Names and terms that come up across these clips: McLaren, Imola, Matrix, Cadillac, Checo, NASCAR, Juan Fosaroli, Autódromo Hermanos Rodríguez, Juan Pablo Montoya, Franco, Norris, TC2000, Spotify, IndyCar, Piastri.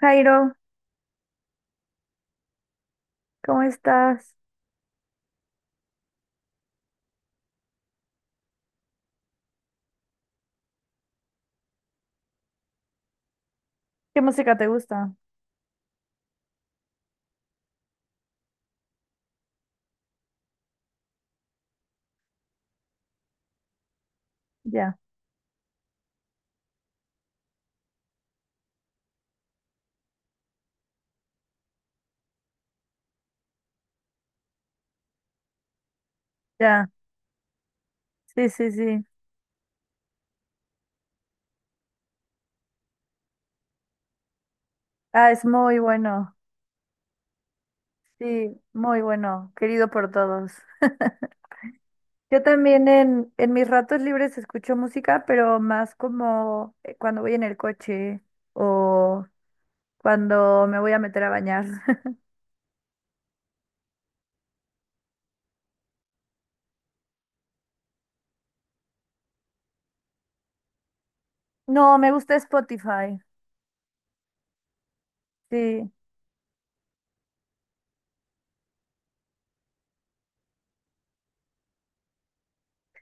Jairo, ¿cómo estás? ¿Qué música te gusta? Ya, ya. Sí, sí, sí. Ah, es muy bueno. Sí, muy bueno, querido por todos. Yo también en mis ratos libres escucho música, pero más como cuando voy en el coche o cuando me voy a meter a bañar. No, me gusta Spotify. Sí,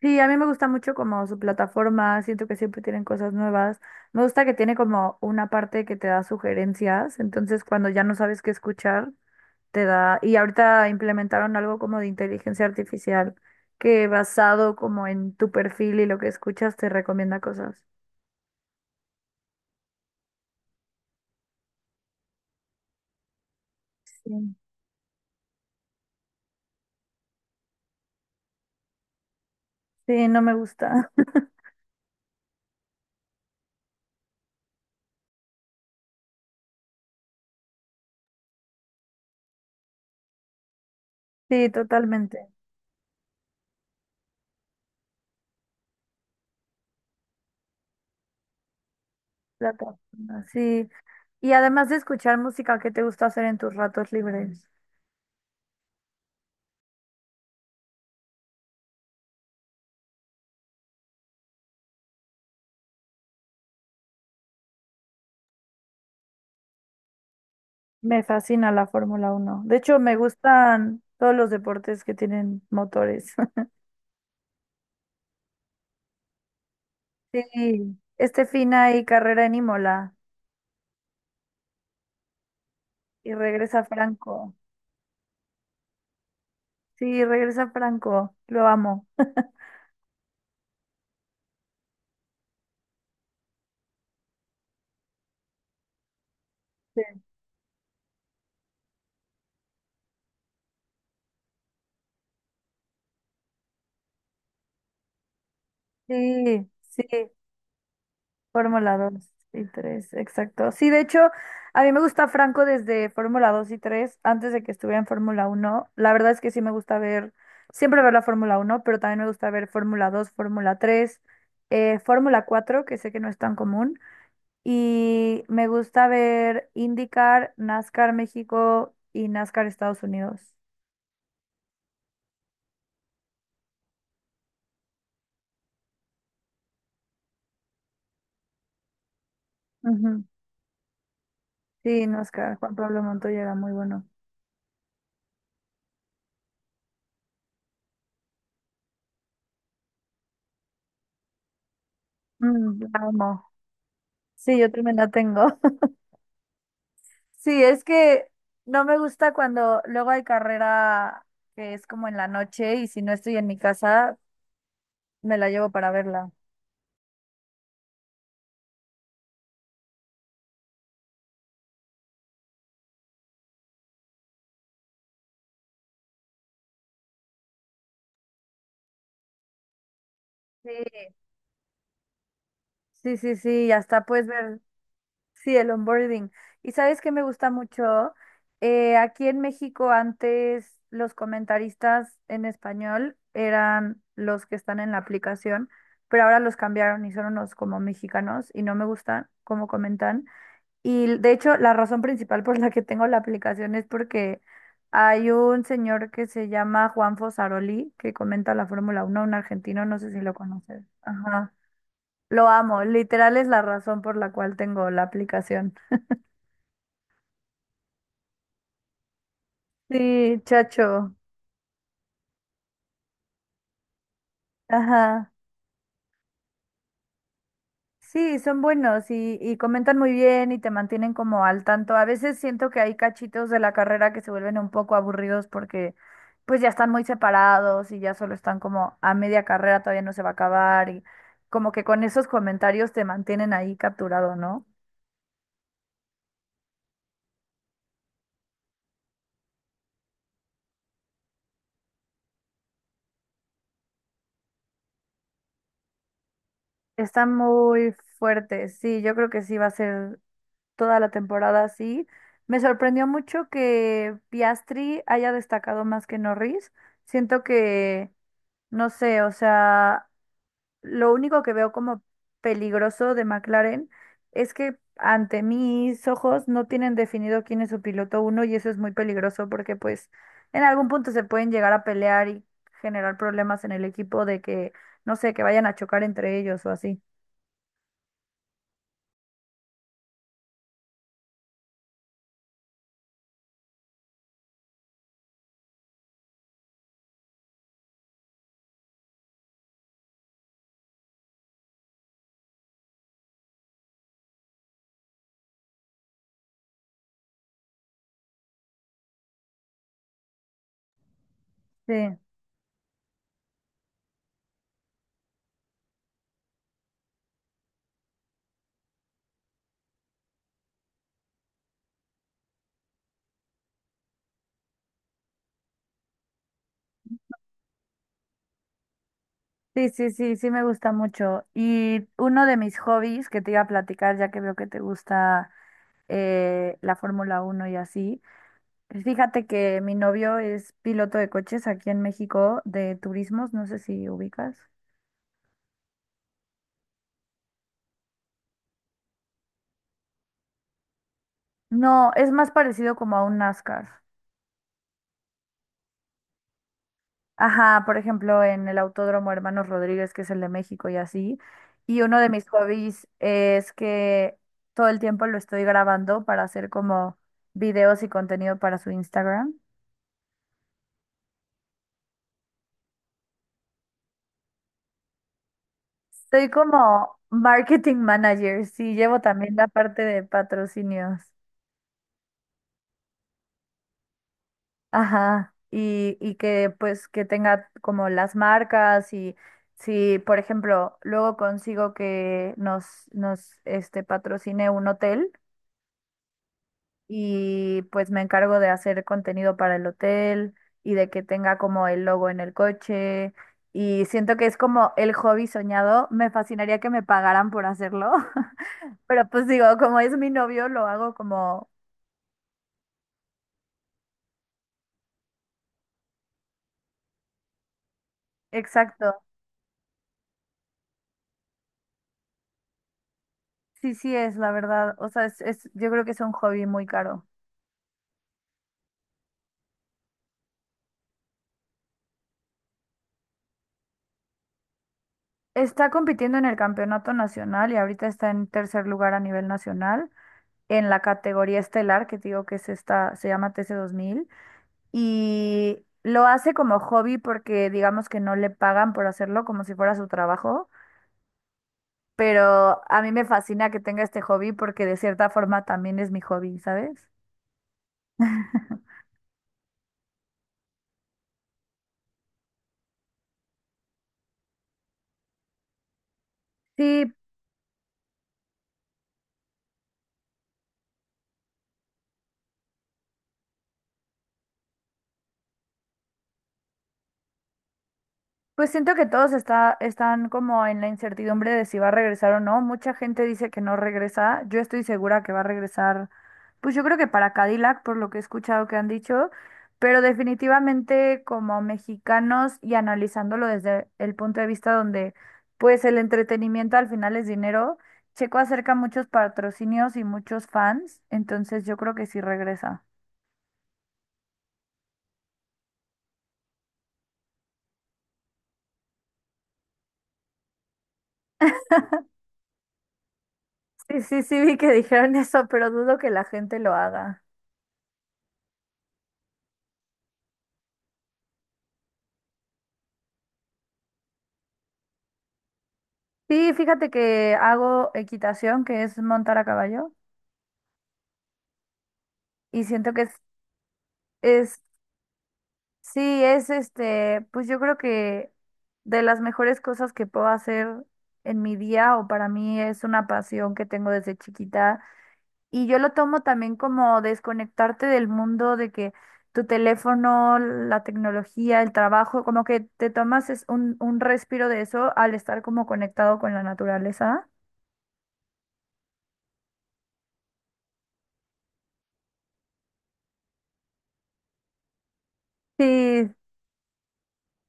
sí, a mí me gusta mucho como su plataforma, siento que siempre tienen cosas nuevas. Me gusta que tiene como una parte que te da sugerencias, entonces cuando ya no sabes qué escuchar, te da... Y ahorita implementaron algo como de inteligencia artificial que basado como en tu perfil y lo que escuchas te recomienda cosas. Sí, sí, no me gusta. Sí, totalmente. Plataforma, sí. Y además de escuchar música, ¿qué te gusta hacer en tus ratos libres? Me fascina la Fórmula uno. De hecho, me gustan todos los deportes que tienen motores. Sí, este fin hay carrera en Imola y regresa Franco. Sí, regresa Franco. Lo amo. Sí, sí, sí. Fórmula 2 y 3, exacto. Sí, de hecho, a mí me gusta Franco desde Fórmula 2 y 3, antes de que estuviera en Fórmula uno. La verdad es que sí me gusta ver, siempre ver la Fórmula uno, pero también me gusta ver Fórmula 2, Fórmula 3, Fórmula 4, que sé que no es tan común. Y me gusta ver IndyCar, NASCAR México y NASCAR Estados Unidos. Ujú. Sí, NASCAR, Juan Pablo Montoya era muy bueno. Mm, la amo. Sí, yo también la tengo. Sí, es que no me gusta cuando luego hay carrera que es como en la noche y si no estoy en mi casa, me la llevo para verla. Sí, sí, sí, sí, y hasta puedes ver, sí, el onboarding. ¿Y sabes qué me gusta mucho? Aquí en México antes los comentaristas en español eran los que están en la aplicación, pero ahora los cambiaron y son unos como mexicanos y no me gustan cómo comentan. Y de hecho, la razón principal por la que tengo la aplicación es porque hay un señor que se llama Juan Fosaroli, que comenta la Fórmula Uno, un argentino, no sé si lo conoces. Ajá. Lo amo, literal es la razón por la cual tengo la aplicación. Sí, chacho. Ajá. Sí, son buenos y comentan muy bien y te mantienen como al tanto. A veces siento que hay cachitos de la carrera que se vuelven un poco aburridos porque pues ya están muy separados y ya solo están como a media carrera, todavía no se va a acabar y como que con esos comentarios te mantienen ahí capturado, ¿no? Está muy fuerte, sí, yo creo que sí va a ser toda la temporada así. Me sorprendió mucho que Piastri haya destacado más que Norris. Siento que... No sé, o sea, lo único que veo como peligroso de McLaren es que ante mis ojos no tienen definido quién es su piloto uno y eso es muy peligroso porque pues en algún punto se pueden llegar a pelear y generar problemas en el equipo de que, no sé, que vayan a chocar entre ellos o así. Sí, sí, sí, sí, sí me gusta mucho. Y uno de mis hobbies que te iba a platicar, ya que veo que te gusta la Fórmula Uno y así, fíjate que mi novio es piloto de coches aquí en México de turismos, no sé si ubicas. No, es más parecido como a un NASCAR. Ajá, por ejemplo, en el Autódromo Hermanos Rodríguez, que es el de México y así. Y uno de mis hobbies es que todo el tiempo lo estoy grabando para hacer como videos y contenido para su Instagram. Soy como marketing manager, sí, llevo también la parte de patrocinios. Ajá, y que pues que tenga como las marcas y si, por ejemplo, luego consigo que nos, nos patrocine un hotel y pues me encargo de hacer contenido para el hotel y de que tenga como el logo en el coche y siento que es como el hobby soñado, me fascinaría que me pagaran por hacerlo, pero pues digo, como es mi novio, lo hago como exacto. Sí, sí es, la verdad. O sea, es, yo creo que es un hobby muy caro. Está compitiendo en el campeonato nacional y ahorita está en tercer lugar a nivel nacional en la categoría estelar, que te digo que es esta, se llama TC2000, y lo hace como hobby porque digamos que no le pagan por hacerlo como si fuera su trabajo, pero a mí me fascina que tenga este hobby porque de cierta forma también es mi hobby, ¿sabes? Sí, pues siento que todos está, están como en la incertidumbre de si va a regresar o no. Mucha gente dice que no regresa. Yo estoy segura que va a regresar, pues yo creo que para Cadillac, por lo que he escuchado que han dicho, pero definitivamente como mexicanos y analizándolo desde el punto de vista donde pues el entretenimiento al final es dinero, Checo acerca muchos patrocinios y muchos fans, entonces yo creo que sí regresa. Sí, sí, sí, vi que dijeron eso, pero dudo que la gente lo haga. Sí, fíjate que hago equitación, que es montar a caballo, y siento que es, sí, pues yo creo que de las mejores cosas que puedo hacer en mi día o para mí es una pasión que tengo desde chiquita. Y yo lo tomo también como desconectarte del mundo, de que tu teléfono, la tecnología, el trabajo, como que te tomas es un respiro de eso al estar como conectado con la naturaleza. Sí,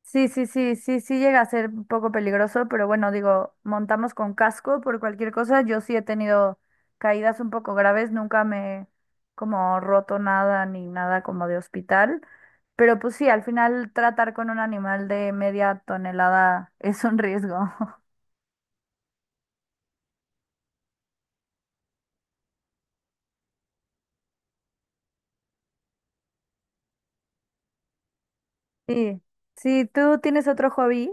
sí, sí, sí, sí, sí llega a ser un poco peligroso, pero bueno, digo, montamos con casco por cualquier cosa. Yo sí he tenido caídas un poco graves, nunca me he como roto nada ni nada como de hospital, pero pues sí, al final tratar con un animal de media tonelada es un riesgo. Sí, sí, ¿tú tienes otro hobby?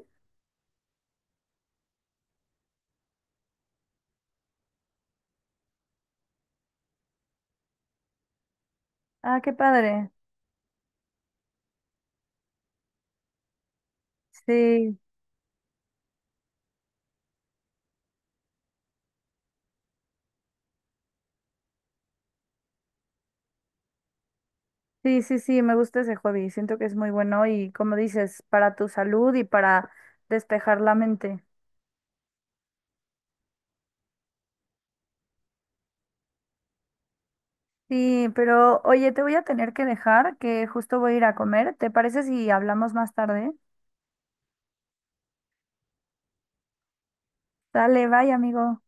Ah, qué padre. Sí, sí, sí, sí, me gusta ese hobby, siento que es muy bueno y como dices, para tu salud y para despejar la mente. Sí, pero oye, te voy a tener que dejar, que justo voy a ir a comer. ¿Te parece si hablamos más tarde? Dale, bye, amigo.